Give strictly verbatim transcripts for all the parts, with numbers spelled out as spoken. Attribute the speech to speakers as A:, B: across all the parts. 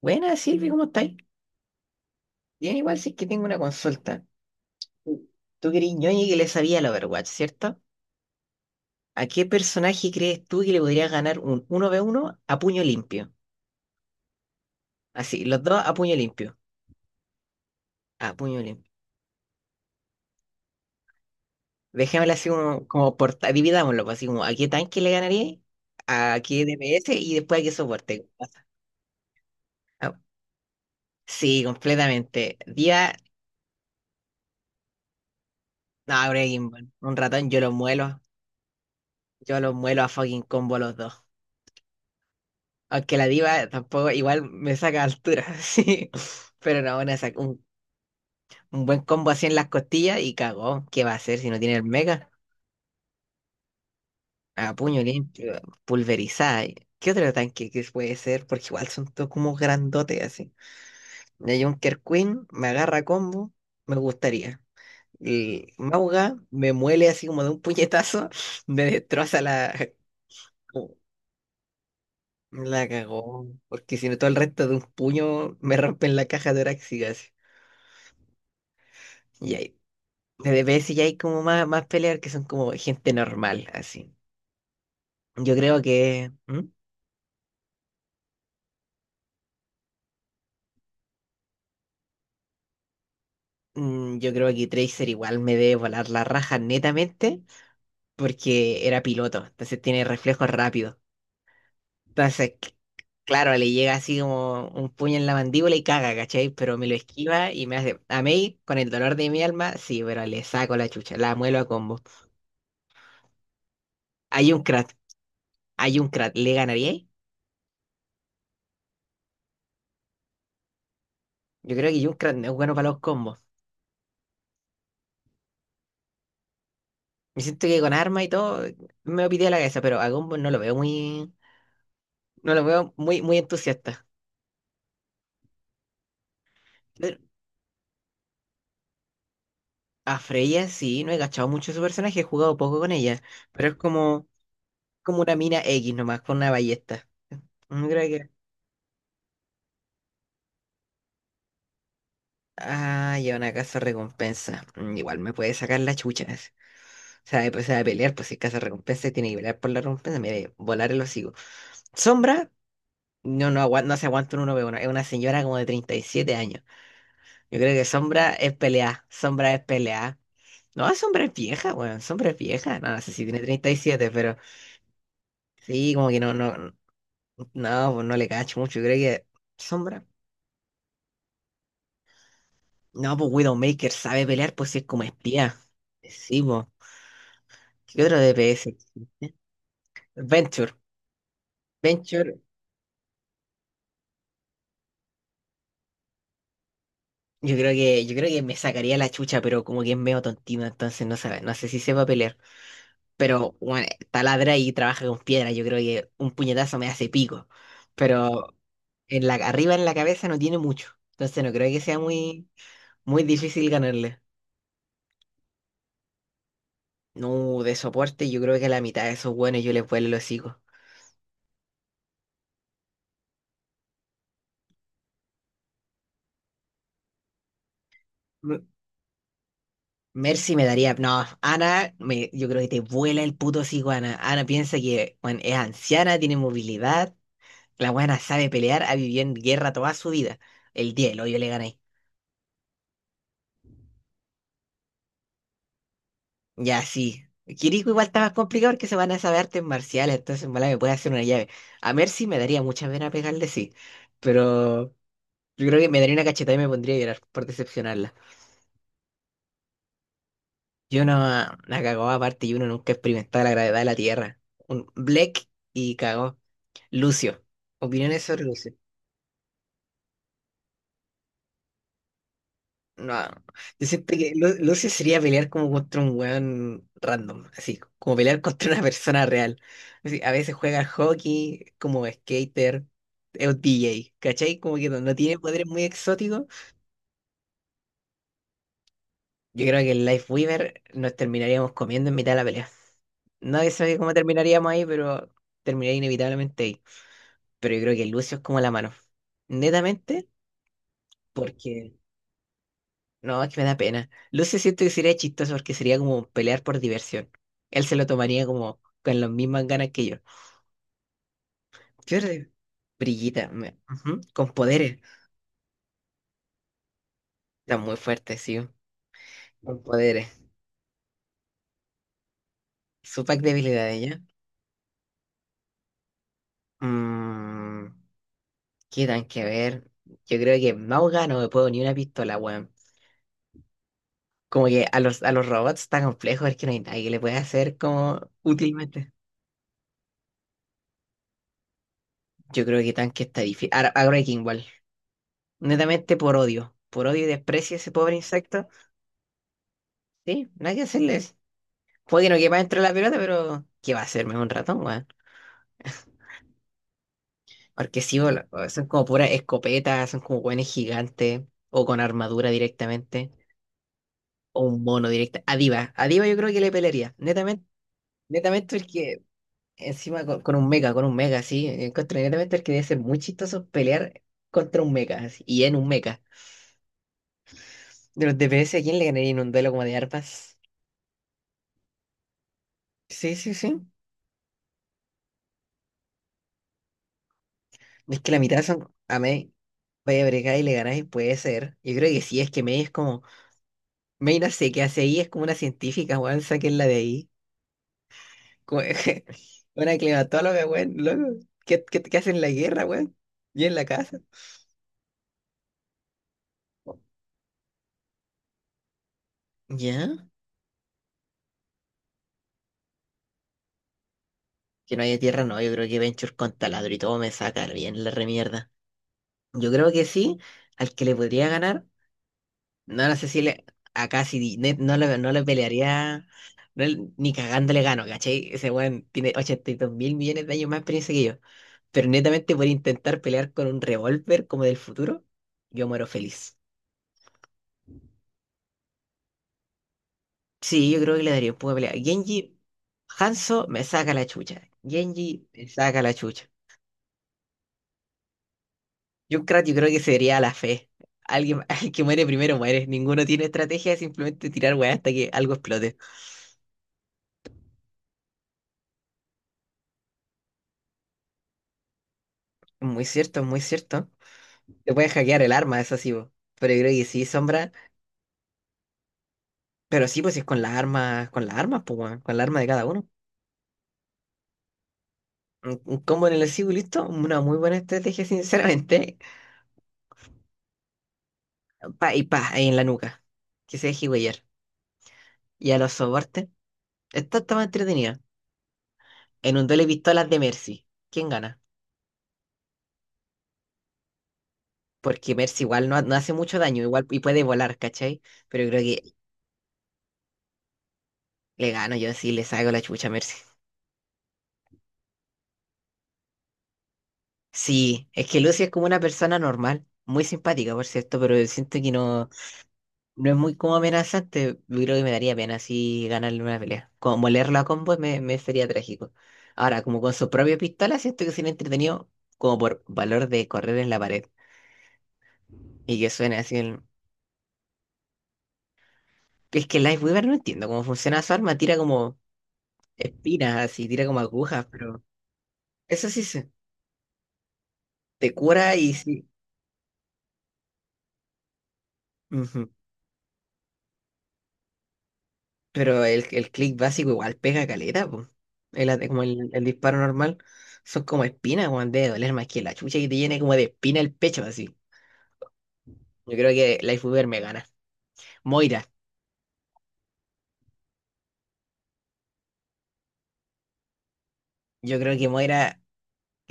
A: Buenas, Silvi, ¿cómo estáis? Bien, igual si es que tengo una consulta. Tú que eres ñoñi que le sabía al Overwatch, ¿cierto? ¿A qué personaje crees tú que le podría ganar un uno v uno a puño limpio? Así, los dos a puño limpio. A puño limpio. Dejémoslo así como, como por... Dividámoslo, pues, así como, ¿a qué tanque le ganaría? ¿A qué D P S? Y después, ¿a qué soporte? Ah, sí, completamente. Día... No, Breaking Ball. Un ratón, yo los muelo. Yo los muelo a fucking combo los dos. Aunque la diva tampoco, igual me saca altura, sí. Pero no, una sac- un, un buen combo así en las costillas y cagó. ¿Qué va a hacer si no tiene el mega? A puño limpio, pulverizada. ¿Qué otro tanque que puede ser? Porque igual son todos como grandotes así. De Junker Queen me agarra combo, me gustaría. Y Mauga me muele así como de un puñetazo, me destroza la. La cagó. Porque si no, todo el resto de un puño me rompen la caja torácica así. Y ahí de D P S ya hay como más, más peleas que son como gente normal, así. Yo creo que. ¿Mm? Mm, yo creo que Tracer igual me debe volar la raja netamente porque era piloto, entonces tiene reflejos rápidos. Entonces, c- claro, le llega así como un puño en la mandíbula y caga, ¿cachai? Pero me lo esquiva y me hace. A Mei, con el dolor de mi alma, sí, pero le saco la chucha, la muelo a combo. Hay un Krat, hay un Krat, ¿le ganaría ahí? Yo creo que Junkrat no es bueno para los combos. Me siento que con armas y todo me pide la cabeza, pero a Gumball no lo veo muy, no lo veo muy, muy entusiasta. Pero a Freya sí, no he cachado mucho su personaje, he jugado poco con ella, pero es como, como una mina X nomás, con una ballesta. Mm, creo que. Ah, ya una casa recompensa. Mm, igual me puede sacar la chucha, ¿no? O sea, después se va a pelear, pues si es casa recompensa tiene que pelear por la recompensa, mire, volar el hocico. Sombra, no, no, agua- no se aguanta un uno ve uno. Es una señora como de treinta y siete años. Yo creo que Sombra es pelea. Sombra es pelea. No, Sombra es vieja, weón. Sombra es vieja. No, no sé si tiene treinta y siete, pero sí, como que no, no, no, pues no le cacho mucho. Yo creo que Sombra. No, pues Widowmaker sabe pelear, pues si es como espía. Sí, pues. ¿Qué otro D P S existe? Venture. Venture, yo creo que, yo creo que me sacaría la chucha, pero como que es medio tontino, entonces no sabe, no sé si sepa pelear. Pero bueno, taladra y trabaja con piedra. Yo creo que un puñetazo me hace pico. Pero en la, arriba en la cabeza no tiene mucho. Entonces no creo que sea muy, muy difícil ganarle. No, de soporte yo creo que la mitad de esos buenos yo les vuelo el hocico. M- Mercy me daría... No, Ana, me, yo creo que te vuela el puto hocico, Ana. Ana piensa que bueno, es anciana, tiene movilidad. La buena sabe pelear, ha vivido en guerra toda su vida. El diez, lo yo le gané. Ya, sí. Kiriko igual está más complicado porque se van a saber artes marciales, entonces en volada me puede hacer una llave. A Mercy me daría mucha pena pegarle, sí. Pero... Yo creo que me daría una cachetada y me pondría a llorar por decepcionarla. Yo no la cagó aparte y uno nunca experimentaba la gravedad de la Tierra. Un Black y cagó. Lucio. Opiniones sobre Lucio. No, yo siento que Lu- Lucio sería pelear como contra un weón random, así, como pelear contra una persona real. Así, a veces juega al hockey, como skater, es un D J, ¿cachai? Como que no, no tiene poderes muy exóticos. Yo creo que el Life Weaver nos terminaríamos comiendo en mitad de la pelea, no sé cómo terminaríamos ahí, pero terminaría inevitablemente ahí. Pero yo creo que Lucio es como la mano. Netamente, porque... No, es que me da pena. Lucio siento que sería chistoso porque sería como pelear por diversión. Él se lo tomaría como con las mismas ganas que yo. Pierde. Brillita. Me- ujú, con poderes. Está muy fuerte, sí. Con poderes. Su pack de habilidades, ¿ya? Mm, qué tan que ver. Yo creo que en Mauga no me puedo ni una pistola, weón. Como que a los, a los robots está complejo, es que no hay nadie que le pueda hacer como útilmente. Yo creo que tanque está difícil. Ahora, ahora hay que igual. Netamente por odio. Por odio y desprecio a ese pobre insecto. Sí, nada que hacerles. Puede que no quepa dentro de la pelota, pero ¿qué va a hacerme un ratón, weón? Porque sí, bol- son como puras escopetas, son como weones gigantes, o con armadura directamente, o un mono directa. A Diva, a Diva yo creo que le pelearía. Netamente. Netamente porque encima con, con un mecha, con un mecha, sí. Encuentro inmediatamente que debe ser muy chistoso pelear contra un mecha, así, y en un mecha. De los D P S, ¿a quién le ganaría en un duelo como de arpas? Sí, sí, sí. Es que la mitad son a Mei. Vaya bregada y le ganáis, puede ser. Yo creo que sí, es que Mei es como. Mei no sé qué hace ahí, es como una científica, weón, la de ahí. Como- Una climatóloga, weón, loco. ¿Qué, qué, qué hacen en la guerra, weón? Y en la casa. ¿Ya? Que no haya tierra, no. Yo creo que Venture con taladro y todo me saca bien la remierda. Yo creo que sí, al que le podría ganar, no, no sé si le, a Cassidy, ne- no le, no le pelearía, no le- ni cagando le gano, ¿cachai? Ese weón tiene ochenta y dos mil millones de años más de experiencia que yo, pero netamente por intentar pelear con un revólver como del futuro, yo muero feliz. Sí, yo creo que le daría un poco de pelea. Genji, Hanzo me saca la chucha, Genji me saca la chucha. Junkrat yo creo que sería la fe. Alguien, el que muere primero muere, ninguno tiene estrategia, es simplemente tirar weá hasta que algo explote. Muy cierto, muy cierto. Te puedes hackear el arma, eso sí, po. Pero yo creo que sí, Sombra. Pero sí, pues si es con las armas, con las armas, pues, weón, con la arma de cada uno. Un, un combo en el escudo, listo. Una muy buena estrategia, sinceramente. Pa y pa, ahí en la nuca. Que se deje huellar. Y a los soportes. Esta está más entretenida. En un duelo de pistolas de Mercy, ¿quién gana? Porque Mercy igual no, no hace mucho daño, igual y puede volar, ¿cachai? Pero yo creo que le gano yo, sí, le saco la chucha a Mercy. Sí, es que Lucy es como una persona normal, muy simpática, por cierto, pero siento que no, no es muy como amenazante. Yo creo que me daría pena si ganarle una pelea. Como molerla a combo me, me sería trágico. Ahora, como con su propia pistola, siento que sería entretenido como por valor de correr en la pared. Y que suene así el... Es que Weaver no entiendo cómo funciona su arma, tira como espinas, así, tira como agujas, pero eso sí se te cura y sí. Ujú. Pero el, el clic básico igual pega caleta, po. El, ate- como el, el disparo normal. Son como espinas, weón. Debe doler más que la chucha y te llena como de espina el pecho, así. Yo creo que Life Uber me gana. Moira. Yo creo que Moira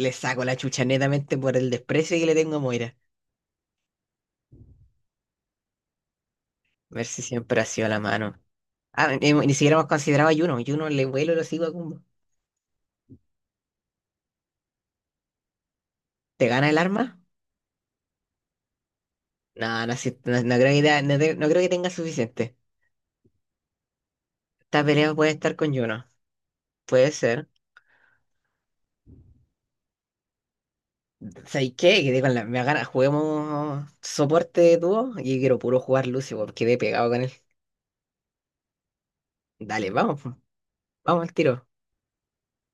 A: le saco la chucha netamente por el desprecio que le tengo a Moira. A ver si siempre ha sido la mano. Ah, ni, ni siquiera hemos considerado a Juno. Juno le vuelo lo sigo a Kumbo. ¿Te gana el arma? No, no, si- no, no creo que, te- no te- no creo que tenga suficiente. Esta pelea puede estar con Juno. Puede ser. ¿Sabes qué? Quedé con la me ganas, juguemos soporte de dúo y quiero puro jugar Lucio porque quedé pegado con él. Dale, vamos, po, vamos al tiro.